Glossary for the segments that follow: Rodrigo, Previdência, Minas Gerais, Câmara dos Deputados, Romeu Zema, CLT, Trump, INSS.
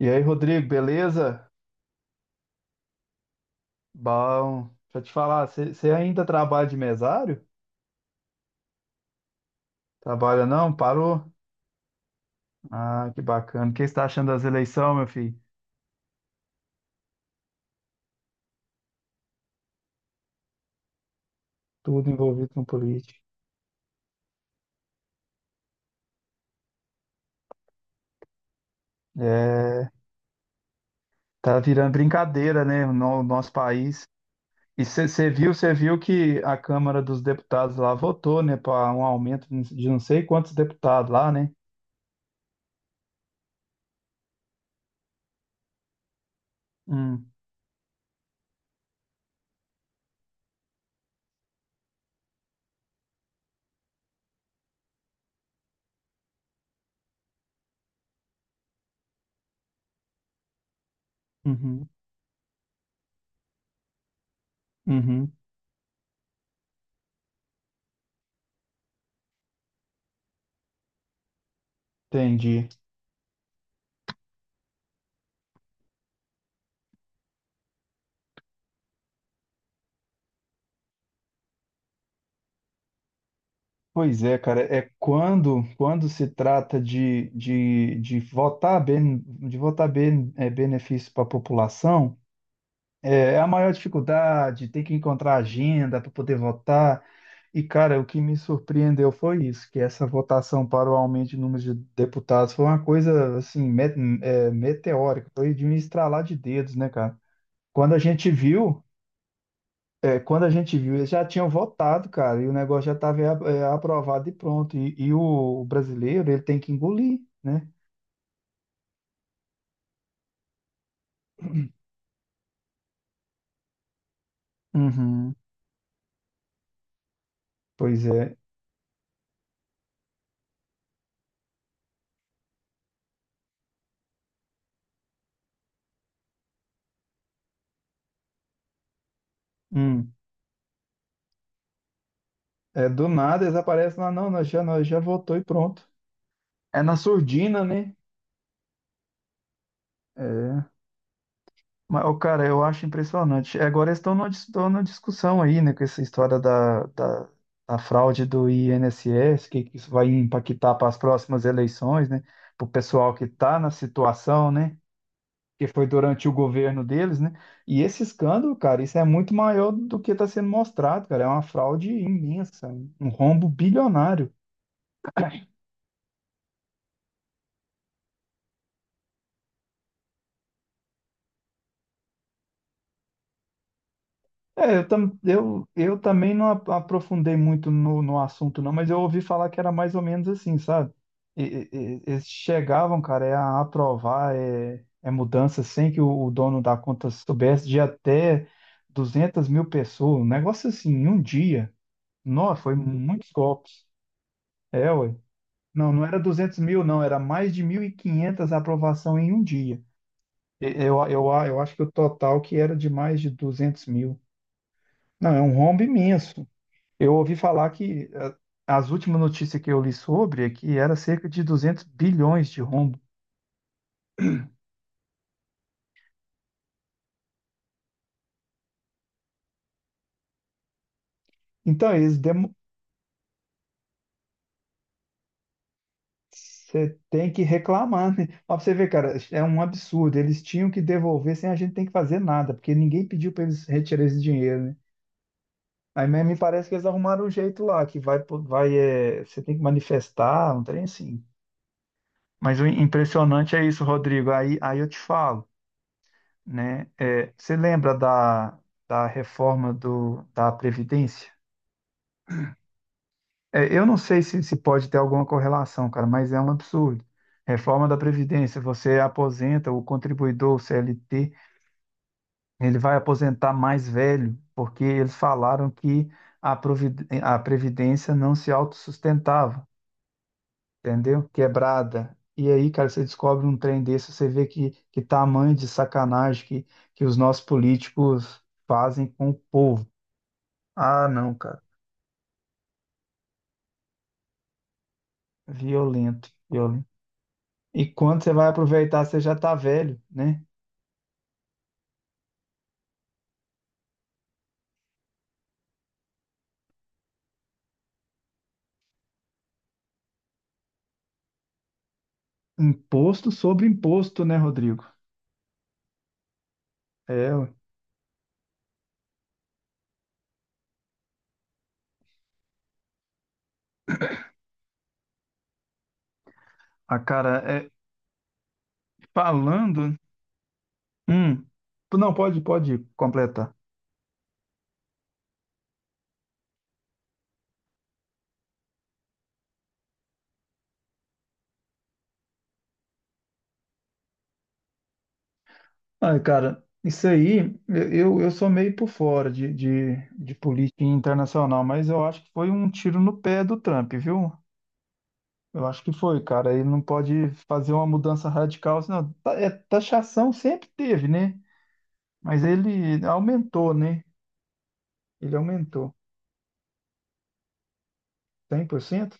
E aí, Rodrigo, beleza? Bom, deixa eu te falar, você ainda trabalha de mesário? Trabalha não? Parou? Ah, que bacana. O que você está achando das eleições, meu filho? Tudo envolvido com política. É, tá virando brincadeira, né, no nosso país. E você viu que a Câmara dos Deputados lá votou, né, para um aumento de não sei quantos deputados lá, né? Hum. Uhum. Uhum. Entendi. Pois é, cara, é quando se trata de votar bem, benefício para a população, é a maior dificuldade, tem que encontrar agenda para poder votar. E, cara, o que me surpreendeu foi isso, que essa votação para o aumento de número de deputados foi uma coisa, assim, meteórica, foi de um estralar de dedos, né, cara? Quando a gente viu, Quando a gente viu, eles já tinham votado, cara, e o negócio já estava aprovado e pronto. E o brasileiro, ele tem que engolir, né? Uhum. Pois é. Hum. É, do nada eles aparecem lá, não, nós já votou e pronto. É na surdina, né? É. Mas, ô, cara, eu acho impressionante. É, agora eles estão numa discussão aí, né, com essa história da fraude do INSS, que isso vai impactar para as próximas eleições, né? Para o pessoal que está na situação, né? Que foi durante o governo deles, né? E esse escândalo, cara, isso é muito maior do que está sendo mostrado, cara. É uma fraude imensa, um rombo bilionário. É, eu também não aprofundei muito no assunto, não, mas eu ouvi falar que era mais ou menos assim, sabe? Eles chegavam, cara, a aprovar mudança sem que o dono da conta soubesse de até 200 mil pessoas, um negócio assim, em um dia. Nossa, foi muitos golpes. É, ué. Não, não era 200 mil, não, era mais de 1.500 aprovação em um dia. Eu acho que o total que era de mais de 200 mil. Não, é um rombo imenso. Eu ouvi falar que as últimas notícias que eu li sobre é que era cerca de 200 bilhões de rombo. Então, você tem que reclamar, né? Ó, pra você ver, cara, é um absurdo. Eles tinham que devolver sem a gente ter que fazer nada, porque ninguém pediu para eles retirarem esse dinheiro, né? Aí mesmo me parece que eles arrumaram um jeito lá, que vai, você tem que manifestar, um trem assim. Mas o impressionante é isso, Rodrigo. Aí eu te falo, né? É, você lembra da reforma do, da Previdência? É, eu não sei se pode ter alguma correlação, cara, mas é um absurdo. Reforma da Previdência, você aposenta o contribuidor, o CLT, ele vai aposentar mais velho, porque eles falaram que a Previdência não se autossustentava. Entendeu? Quebrada. E aí, cara, você descobre um trem desse, você vê que, tamanho de sacanagem que os nossos políticos fazem com o povo. Ah, não, cara. Violento, violento. E quando você vai aproveitar, você já tá velho, né? Imposto sobre imposto, né, Rodrigo? É, ué. Ah, cara, falando. Hum, não, pode completar. Ai, cara, isso aí, eu sou meio por fora de política internacional, mas eu acho que foi um tiro no pé do Trump, viu? Eu acho que foi, cara. Ele não pode fazer uma mudança radical, senão taxação sempre teve, né? Mas ele aumentou, né? Ele aumentou 100%.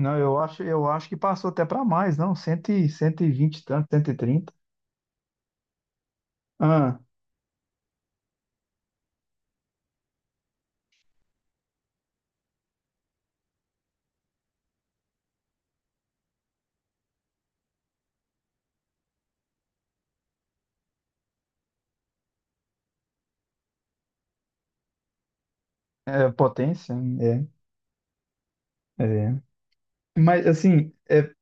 Não, eu acho, que passou até para mais, não, 100, 120 e tanto, 130. Ah, é potência, é, é. Mas assim, é,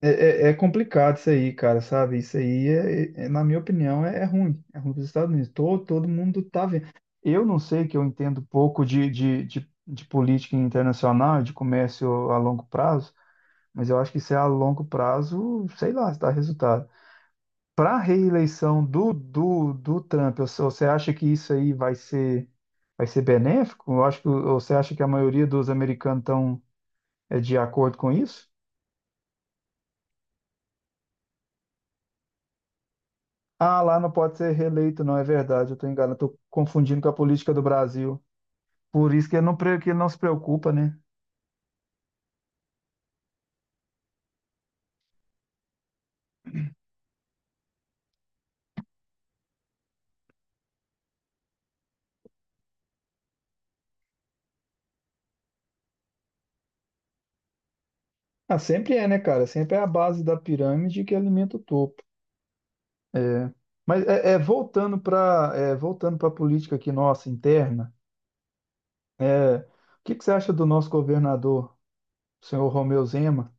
É, é- é complicado isso aí, cara, sabe? Isso aí, na minha opinião, é ruim. É ruim para os Estados Unidos. Todo mundo tá vendo. Eu não sei que eu entendo pouco de política internacional, de comércio a longo prazo, mas eu acho que isso é a longo prazo, sei lá, se dá resultado. Para a reeleição do Trump, você acha que isso aí vai ser benéfico? Eu acho que, ou você acha que a maioria dos americanos estão, de acordo com isso? Ah, lá não pode ser reeleito, não, é verdade, eu estou enganado, estou confundindo com a política do Brasil. Por isso que ele não, pre- que ele não se preocupa, né? Ah, sempre é, né, cara? Sempre é a base da pirâmide que alimenta o topo. É. Mas, voltando para a política aqui nossa interna, o que que você acha do nosso governador? Senhor Romeu Zema.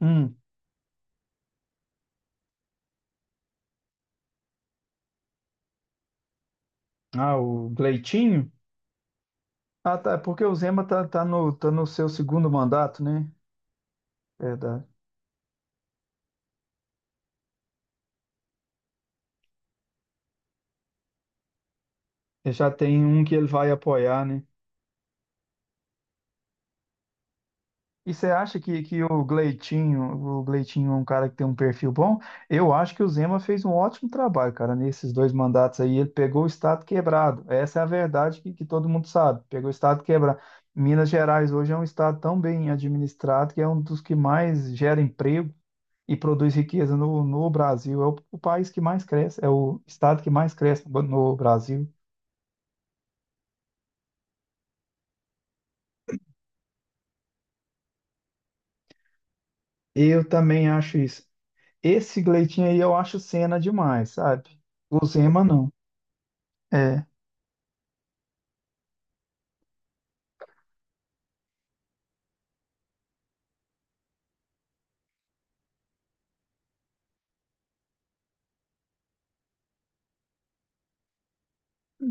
Hum, ah, o Gleitinho? Ah, tá, é porque o Zema tá no seu segundo mandato, né? Verdade. Ele já tem um que ele vai apoiar, né? E você acha que o Gleitinho é um cara que tem um perfil bom? Eu acho que o Zema fez um ótimo trabalho, cara, nesses dois mandatos aí. Ele pegou o estado quebrado. Essa é a verdade que todo mundo sabe. Pegou o estado quebrado. Minas Gerais hoje é um estado tão bem administrado que é um dos que mais gera emprego e produz riqueza no Brasil. É o país que mais cresce, é o estado que mais cresce no Brasil. Eu também acho isso. Esse Gleitinho aí eu acho cena demais, sabe? O Zema não. É.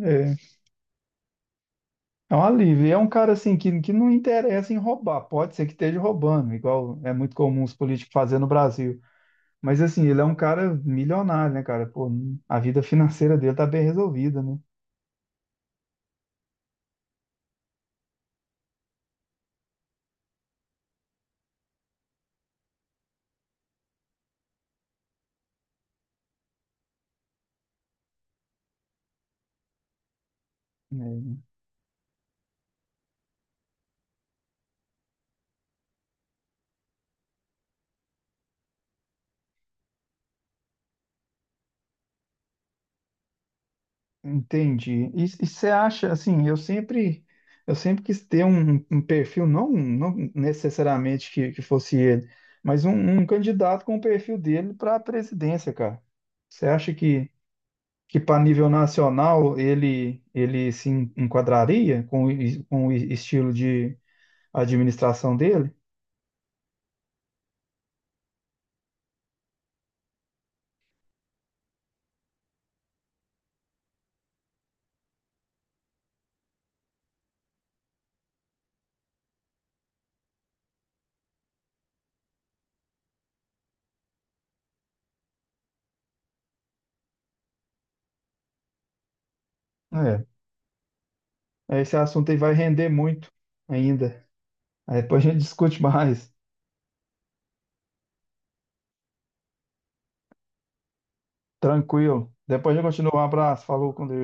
É, é um alívio. E é um cara assim que não interessa em roubar. Pode ser que esteja roubando, igual é muito comum os políticos fazer no Brasil. Mas assim, ele é um cara milionário, né, cara? Pô, a vida financeira dele tá bem resolvida, né? É, entendi. E você acha assim, eu sempre quis ter um perfil, não, não necessariamente que fosse ele, mas um candidato com o perfil dele para a presidência, cara. Você acha que para nível nacional ele se enquadraria com o estilo de administração dele? É, esse assunto aí vai render muito ainda. Aí depois a gente discute mais. Tranquilo. Depois a gente continua. Um abraço. Falou com Deus.